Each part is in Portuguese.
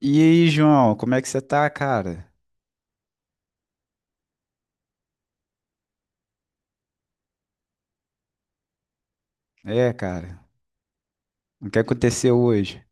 E aí, João, como é que você tá, cara? É, cara, o que aconteceu hoje?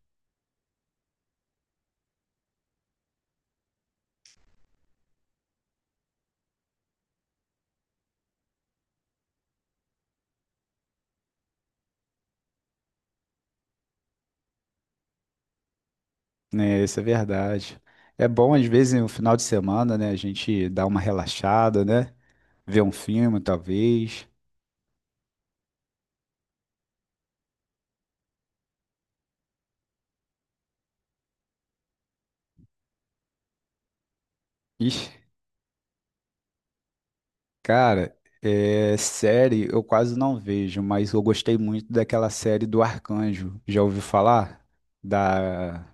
Né, isso é verdade. É bom, às vezes, no final de semana, né, a gente dá uma relaxada, né? Ver um filme, talvez. Ixi, cara, é, série eu quase não vejo, mas eu gostei muito daquela série do Arcanjo. Já ouviu falar? Da...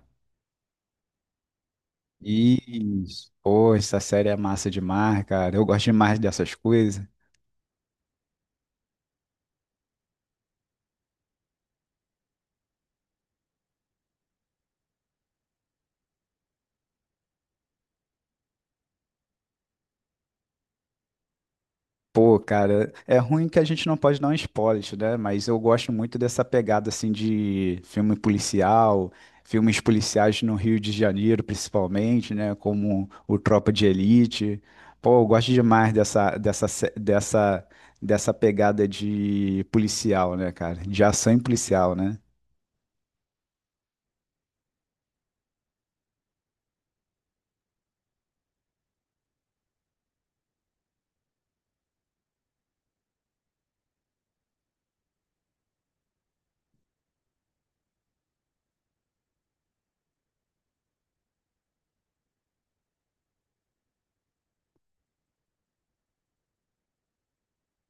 Isso. Pô, essa série é massa demais, cara. Eu gosto demais dessas coisas. Pô, cara, é ruim que a gente não pode dar um spoiler, né? Mas eu gosto muito dessa pegada assim de filme policial, filmes policiais no Rio de Janeiro, principalmente, né? Como o Tropa de Elite. Pô, eu gosto demais dessa, dessa, se- dessa, dessa pegada de policial, né, cara? De ação e policial, né?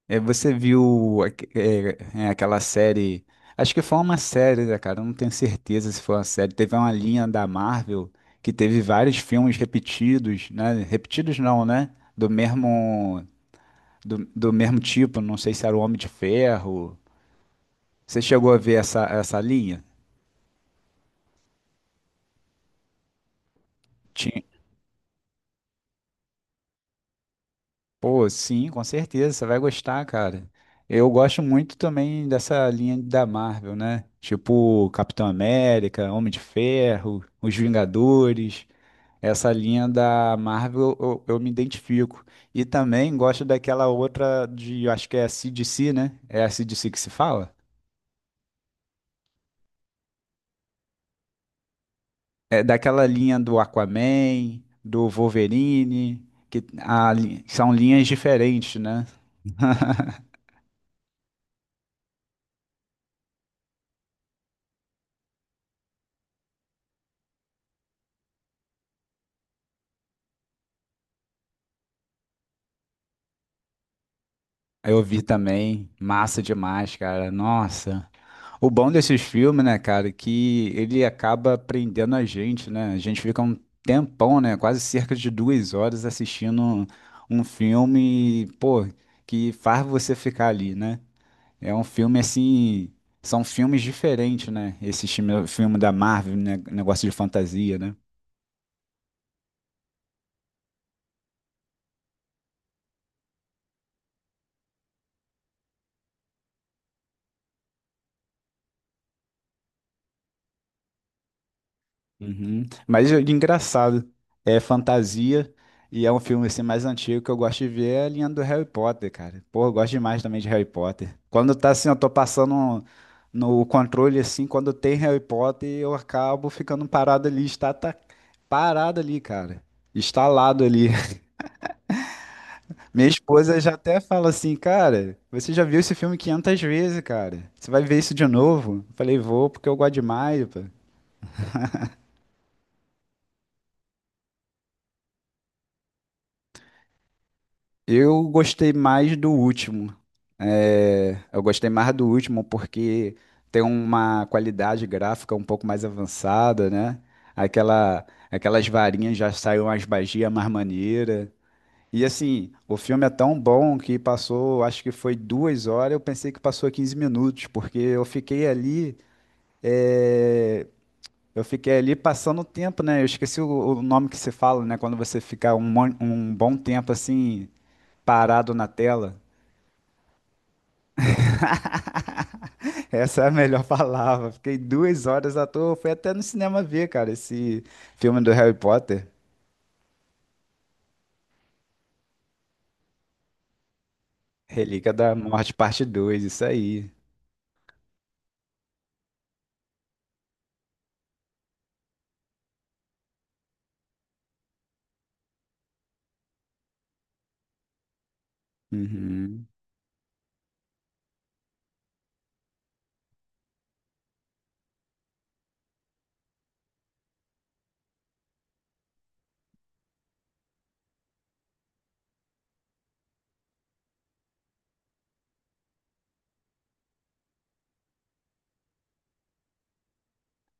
É, você viu aque- é, é, aquela série? Acho que foi uma série, né, cara? Eu não tenho certeza se foi uma série. Teve uma linha da Marvel que teve vários filmes repetidos, né? Repetidos não, né? Do mesmo, do mesmo tipo. Não sei se era o Homem de Ferro. Você chegou a ver essa linha? Tinha- Pô, sim, com certeza. Você vai gostar, cara. Eu gosto muito também dessa linha da Marvel, né? Tipo Capitão América, Homem de Ferro, Os Vingadores. Essa linha da Marvel eu me identifico. E também gosto daquela outra de, eu acho que é a CDC, né? É a CDC que se fala? É daquela linha do Aquaman, do Wolverine, são linhas diferentes, né? Eu vi também, massa demais, cara. Nossa. O bom desses filmes, né, cara, é que ele acaba prendendo a gente, né? A gente fica um tempão, né? Quase cerca de duas horas assistindo um filme, pô, que faz você ficar ali, né? É um filme assim. São filmes diferentes, né? Esse filme da Marvel, né? Negócio de fantasia, né? Uhum. Mas de engraçado, é fantasia e é um filme assim mais antigo que eu gosto de ver é a linha do Harry Potter, cara. Pô, eu gosto demais também de Harry Potter. Quando tá assim, eu tô no controle assim, quando tem Harry Potter, eu acabo ficando parado ali, está tá parado ali, cara. Estalado ali. Minha esposa já até fala assim, cara, você já viu esse filme 500 vezes, cara. Você vai ver isso de novo? Eu falei, vou, porque eu gosto demais. Eu gostei mais do último. É, eu gostei mais do último porque tem uma qualidade gráfica um pouco mais avançada, né? Aquelas varinhas já saíram as magias mais maneira. E assim, o filme é tão bom que passou, acho que foi duas horas, eu pensei que passou 15 minutos, porque eu fiquei ali, é, eu fiquei ali passando o tempo, né? Eu esqueci o nome que se fala, né? Quando você fica um bom tempo assim parado na tela. Essa é a melhor palavra. Fiquei duas horas à toa. Fui até no cinema ver, cara, esse filme do Harry Potter. Relíquia da Morte, parte 2, isso aí. Uhum.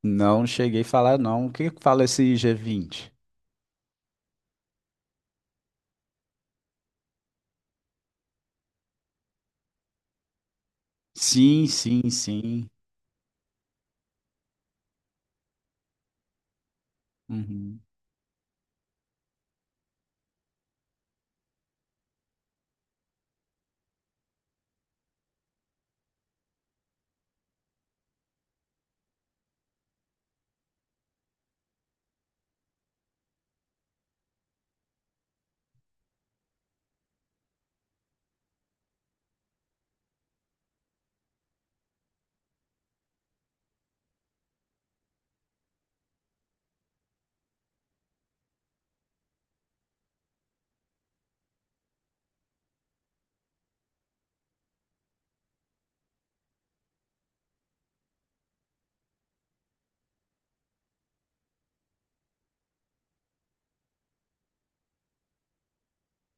Não cheguei a falar, não. O que que fala esse G20? Sim, sim, sim. Uhum.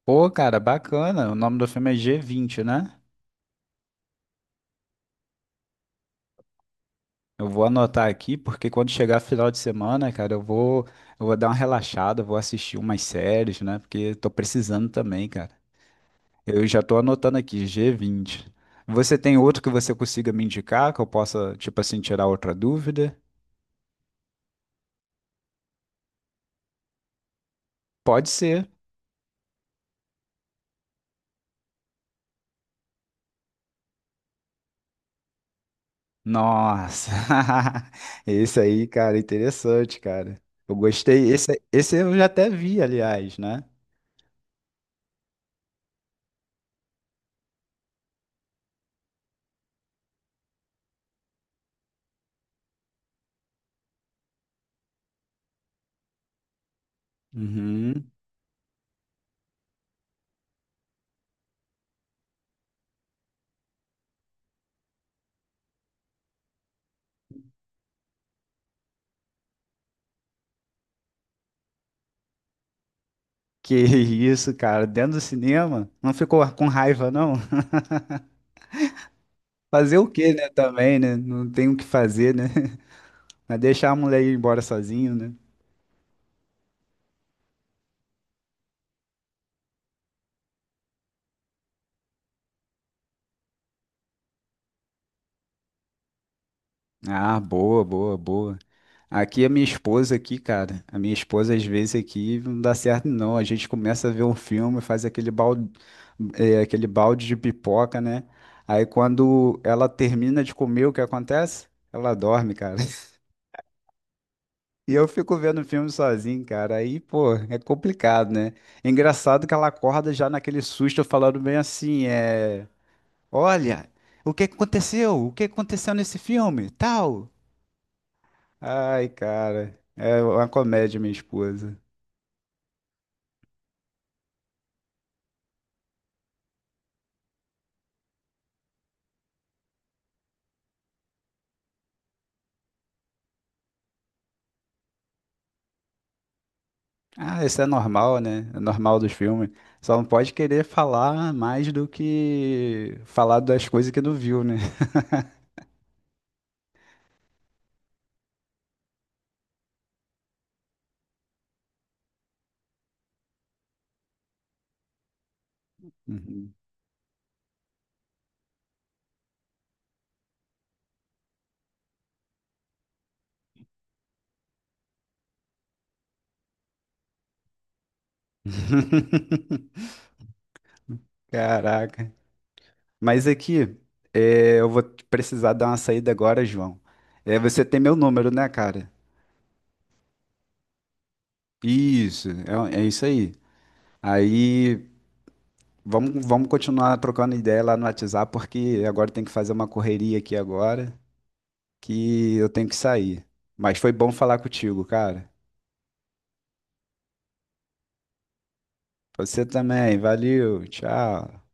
Pô, cara, bacana. O nome do filme é G20, né? Eu vou anotar aqui, porque quando chegar final de semana, cara, eu vou dar uma relaxada, vou assistir umas séries, né? Porque tô precisando também, cara. Eu já tô anotando aqui, G20. Você tem outro que você consiga me indicar, que eu possa, tipo assim, tirar outra dúvida? Pode ser. Nossa, esse aí, cara, interessante, cara. Eu gostei. Esse eu já até vi, aliás, né? Uhum. Que isso, cara, dentro do cinema, não ficou com raiva, não? Fazer o quê, né, também, né? Não tem o que fazer, né? Mas deixar a mulher ir embora sozinho, né? Ah, boa, boa, boa. Aqui a minha esposa aqui, cara, a minha esposa às vezes aqui não dá certo não. A gente começa a ver um filme, faz aquele balde de pipoca, né? Aí quando ela termina de comer, o que acontece? Ela dorme, cara. E eu fico vendo filme sozinho, cara. Aí, pô, é complicado, né? Engraçado que ela acorda já naquele susto falando bem assim, é, olha, o que aconteceu? O que aconteceu nesse filme? Tal. Ai, cara, é uma comédia, minha esposa. Ah, isso é normal, né? É normal dos filmes. Só não pode querer falar mais do que falar das coisas que não viu, né? Uhum. Caraca. Mas aqui, é, eu vou precisar dar uma saída agora, João. É, você tem meu número, né, cara? Isso, é isso aí. Aí, vamos continuar trocando ideia lá no WhatsApp, porque agora tem que fazer uma correria aqui agora, que eu tenho que sair. Mas foi bom falar contigo, cara. Você também, valeu, tchau.